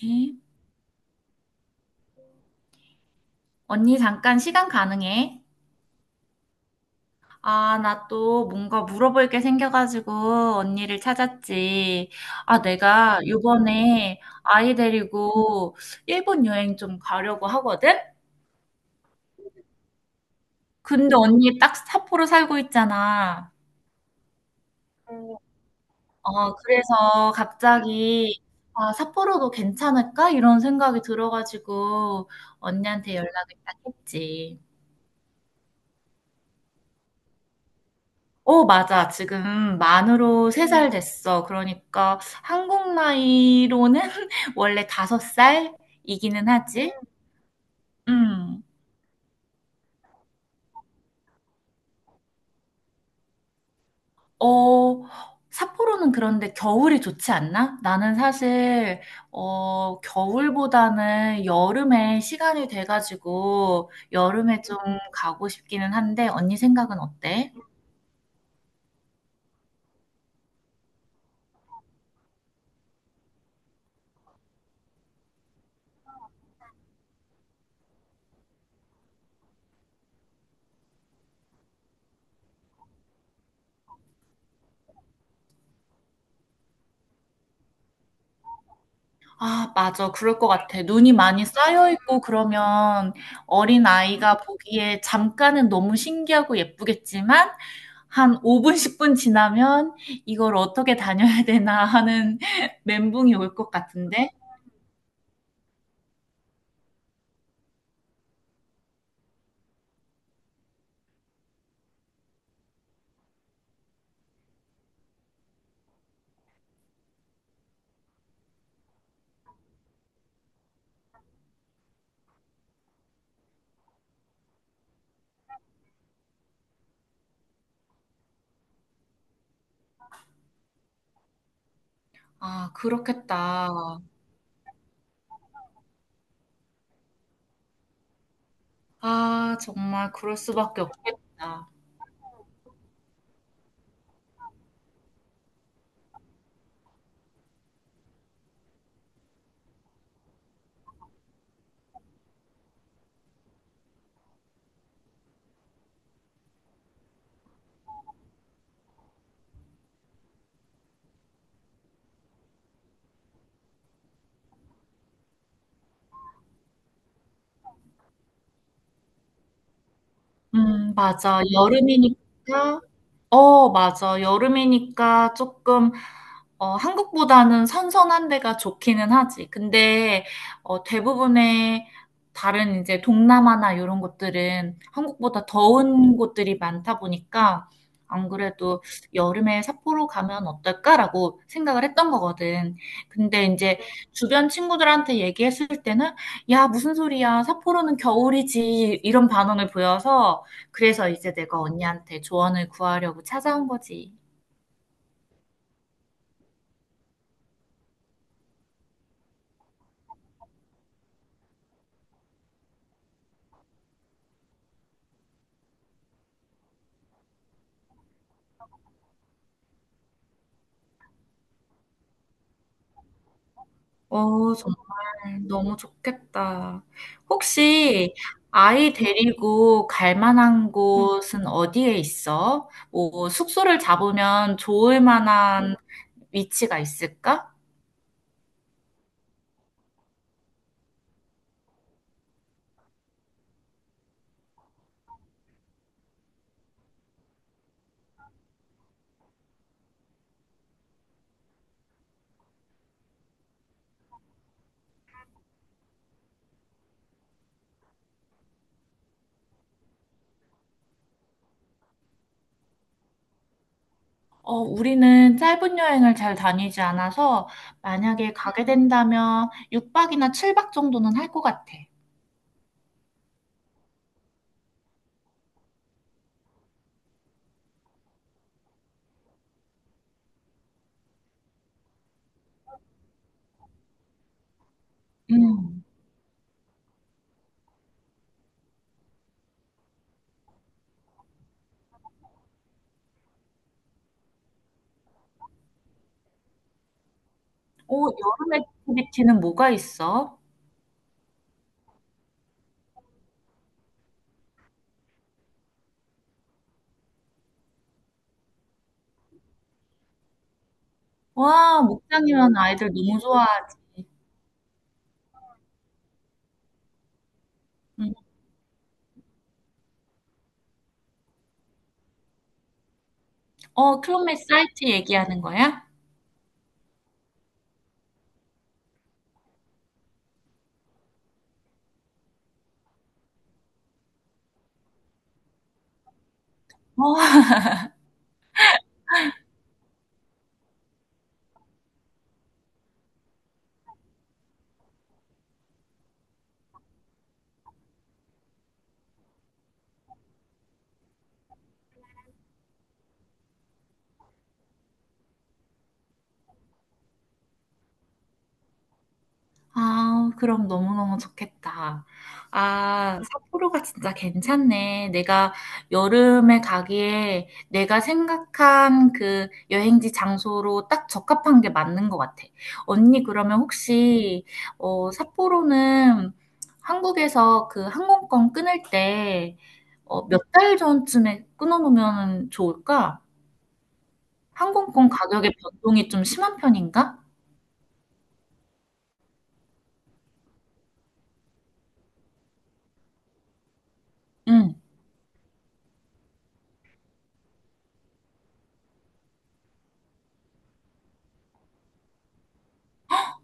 네. 언니, 잠깐 시간 가능해? 아, 나 또 뭔가 물어볼 게 생겨가지고 언니를 찾았지. 아, 내가 요번에 아이 데리고 일본 여행 좀 가려고 하거든? 근데 언니 딱 삿포로 살고 있잖아. 어, 그래서 갑자기 아, 삿포로도 괜찮을까? 이런 생각이 들어가지고 언니한테 연락을 딱 했지. 어, 맞아. 지금 만으로 세 살 됐어. 그러니까 한국 나이로는 원래 다섯 살이기는 하지. 음. 어, 삿포로는 그런데 겨울이 좋지 않나? 나는 사실 겨울보다는 여름에 시간이 돼가지고 여름에 좀 가고 싶기는 한데 언니 생각은 어때? 아, 맞아. 그럴 것 같아. 눈이 많이 쌓여 있고 그러면 어린 아이가 보기에 잠깐은 너무 신기하고 예쁘겠지만 한 5분, 10분 지나면 이걸 어떻게 다녀야 되나 하는 멘붕이 올 것 같은데. 아, 그렇겠다. 아, 정말 그럴 수밖에 없겠다. 맞아. 여름이니까 맞아. 여름이니까 조금, 어, 한국보다는 선선한 데가 좋기는 하지. 근데, 대부분의 다른 이제 동남아나 이런 곳들은 한국보다 더운 곳들이 많다 보니까 안 그래도 여름에 삿포로 가면 어떨까라고 생각을 했던 거거든. 근데 이제 주변 친구들한테 얘기했을 때는 야, 무슨 소리야. 삿포로는 겨울이지. 이런 반응을 보여서 그래서 이제 내가 언니한테 조언을 구하려고 찾아온 거지. 어, 정말 너무 좋겠다. 혹시 아이 데리고 갈 만한 곳은 어디에 있어? 뭐 숙소를 잡으면 좋을 만한 위치가 있을까? 어, 우리는 짧은 여행을 잘 다니지 않아서 만약에 가게 된다면 6박이나 7박 정도는 할 것 같아. 음. 오, 여름 액티비티는 뭐가 있어? 와, 목장이라는 아이들 너무 좋아하지. 음. 어, 클럽메이트 사이트 얘기하는 거야? 어, 아, 그럼 너무너무 좋겠다. 아, 삿포로가 진짜 괜찮네. 내가 여름에 가기에 내가 생각한 그 여행지 장소로 딱 적합한 게 맞는 것 같아. 언니, 그러면 혹시, 어, 삿포로는 한국에서 그 항공권 끊을 때, 몇 달 전쯤에 끊어놓으면 좋을까? 항공권 가격의 변동이 좀 심한 편인가? 응.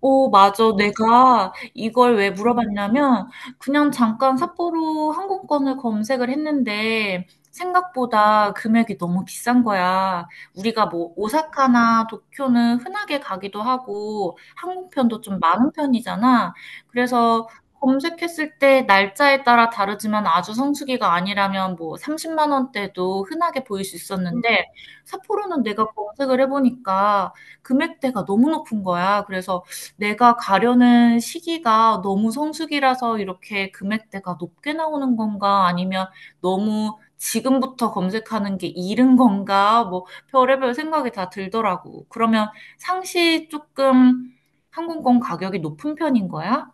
어, 맞아. 내가 이걸 왜 물어봤냐면 그냥 잠깐 삿포로 항공권을 검색을 했는데 생각보다 금액이 너무 비싼 거야. 우리가 뭐 오사카나 도쿄는 흔하게 가기도 하고 항공편도 좀 많은 편이잖아. 그래서 검색했을 때 날짜에 따라 다르지만 아주 성수기가 아니라면 뭐 30만 원대도 흔하게 보일 수 있었는데 삿포로는 내가 검색을 해보니까 금액대가 너무 높은 거야. 그래서 내가 가려는 시기가 너무 성수기라서 이렇게 금액대가 높게 나오는 건가? 아니면 너무 지금부터 검색하는 게 이른 건가? 뭐 별의별 생각이 다 들더라고. 그러면 상시 조금 항공권 가격이 높은 편인 거야?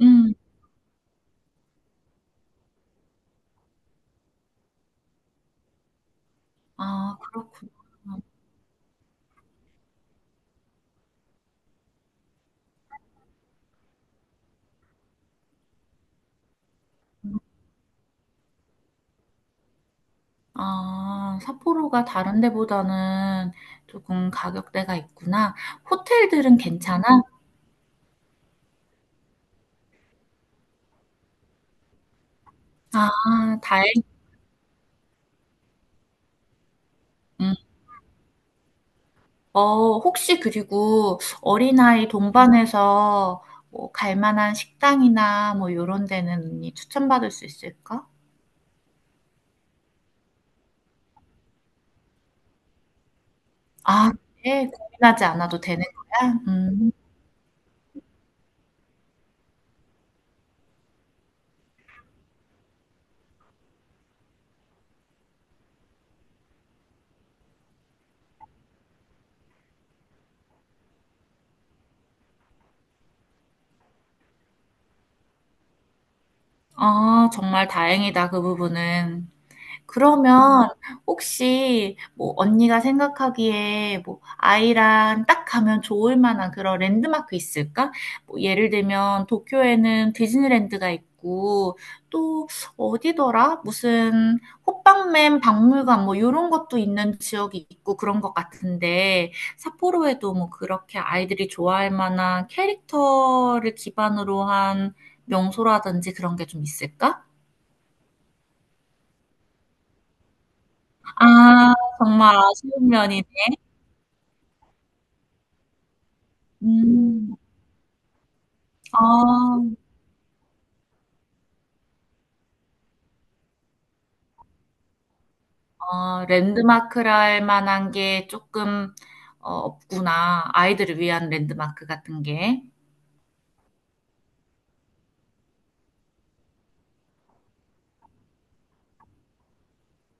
음. 아, 그렇구나. 아, 삿포로가 다른 데보다는 조금 가격대가 있구나. 호텔들은 괜찮아? 아, 다행. 음. 어, 혹시 그리고 어린아이 동반해서 뭐 갈 만한 식당이나 뭐 요런 데는 언니 추천받을 수 있을까? 아, 그래? 고민하지 않아도 되는 거야? 음. 아, 정말 다행이다, 그 부분은. 그러면 혹시 뭐 언니가 생각하기에 뭐 아이랑 딱 가면 좋을 만한 그런 랜드마크 있을까? 뭐 예를 들면 도쿄에는 디즈니랜드가 있고 또 어디더라? 무슨 호빵맨 박물관 뭐 이런 것도 있는 지역이 있고 그런 것 같은데 삿포로에도 뭐 그렇게 아이들이 좋아할 만한 캐릭터를 기반으로 한 명소라든지 그런 게 좀 있을까? 아, 정말 아쉬운 면이 음. 아. 어, 랜드마크라 할 만한 게 조금 없구나. 아이들을 위한 랜드마크 같은 게.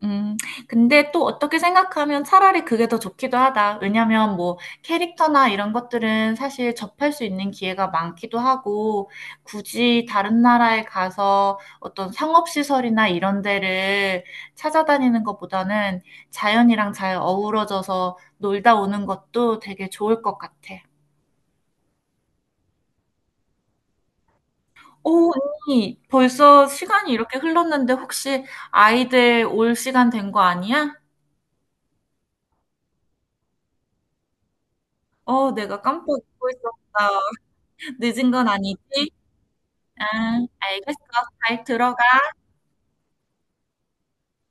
음, 근데 또 어떻게 생각하면 차라리 그게 더 좋기도 하다. 왜냐면 뭐 캐릭터나 이런 것들은 사실 접할 수 있는 기회가 많기도 하고, 굳이 다른 나라에 가서 어떤 상업시설이나 이런 데를 찾아다니는 것보다는 자연이랑 잘 어우러져서 놀다 오는 것도 되게 좋을 것 같아. 오, 언니, 벌써 시간이 이렇게 흘렀는데 혹시 아이들 올 시간 된 거 아니야? 어, 내가 깜빡 잊고 있었어. 늦은 건 아니지? 아, 알겠어. 잘 들어.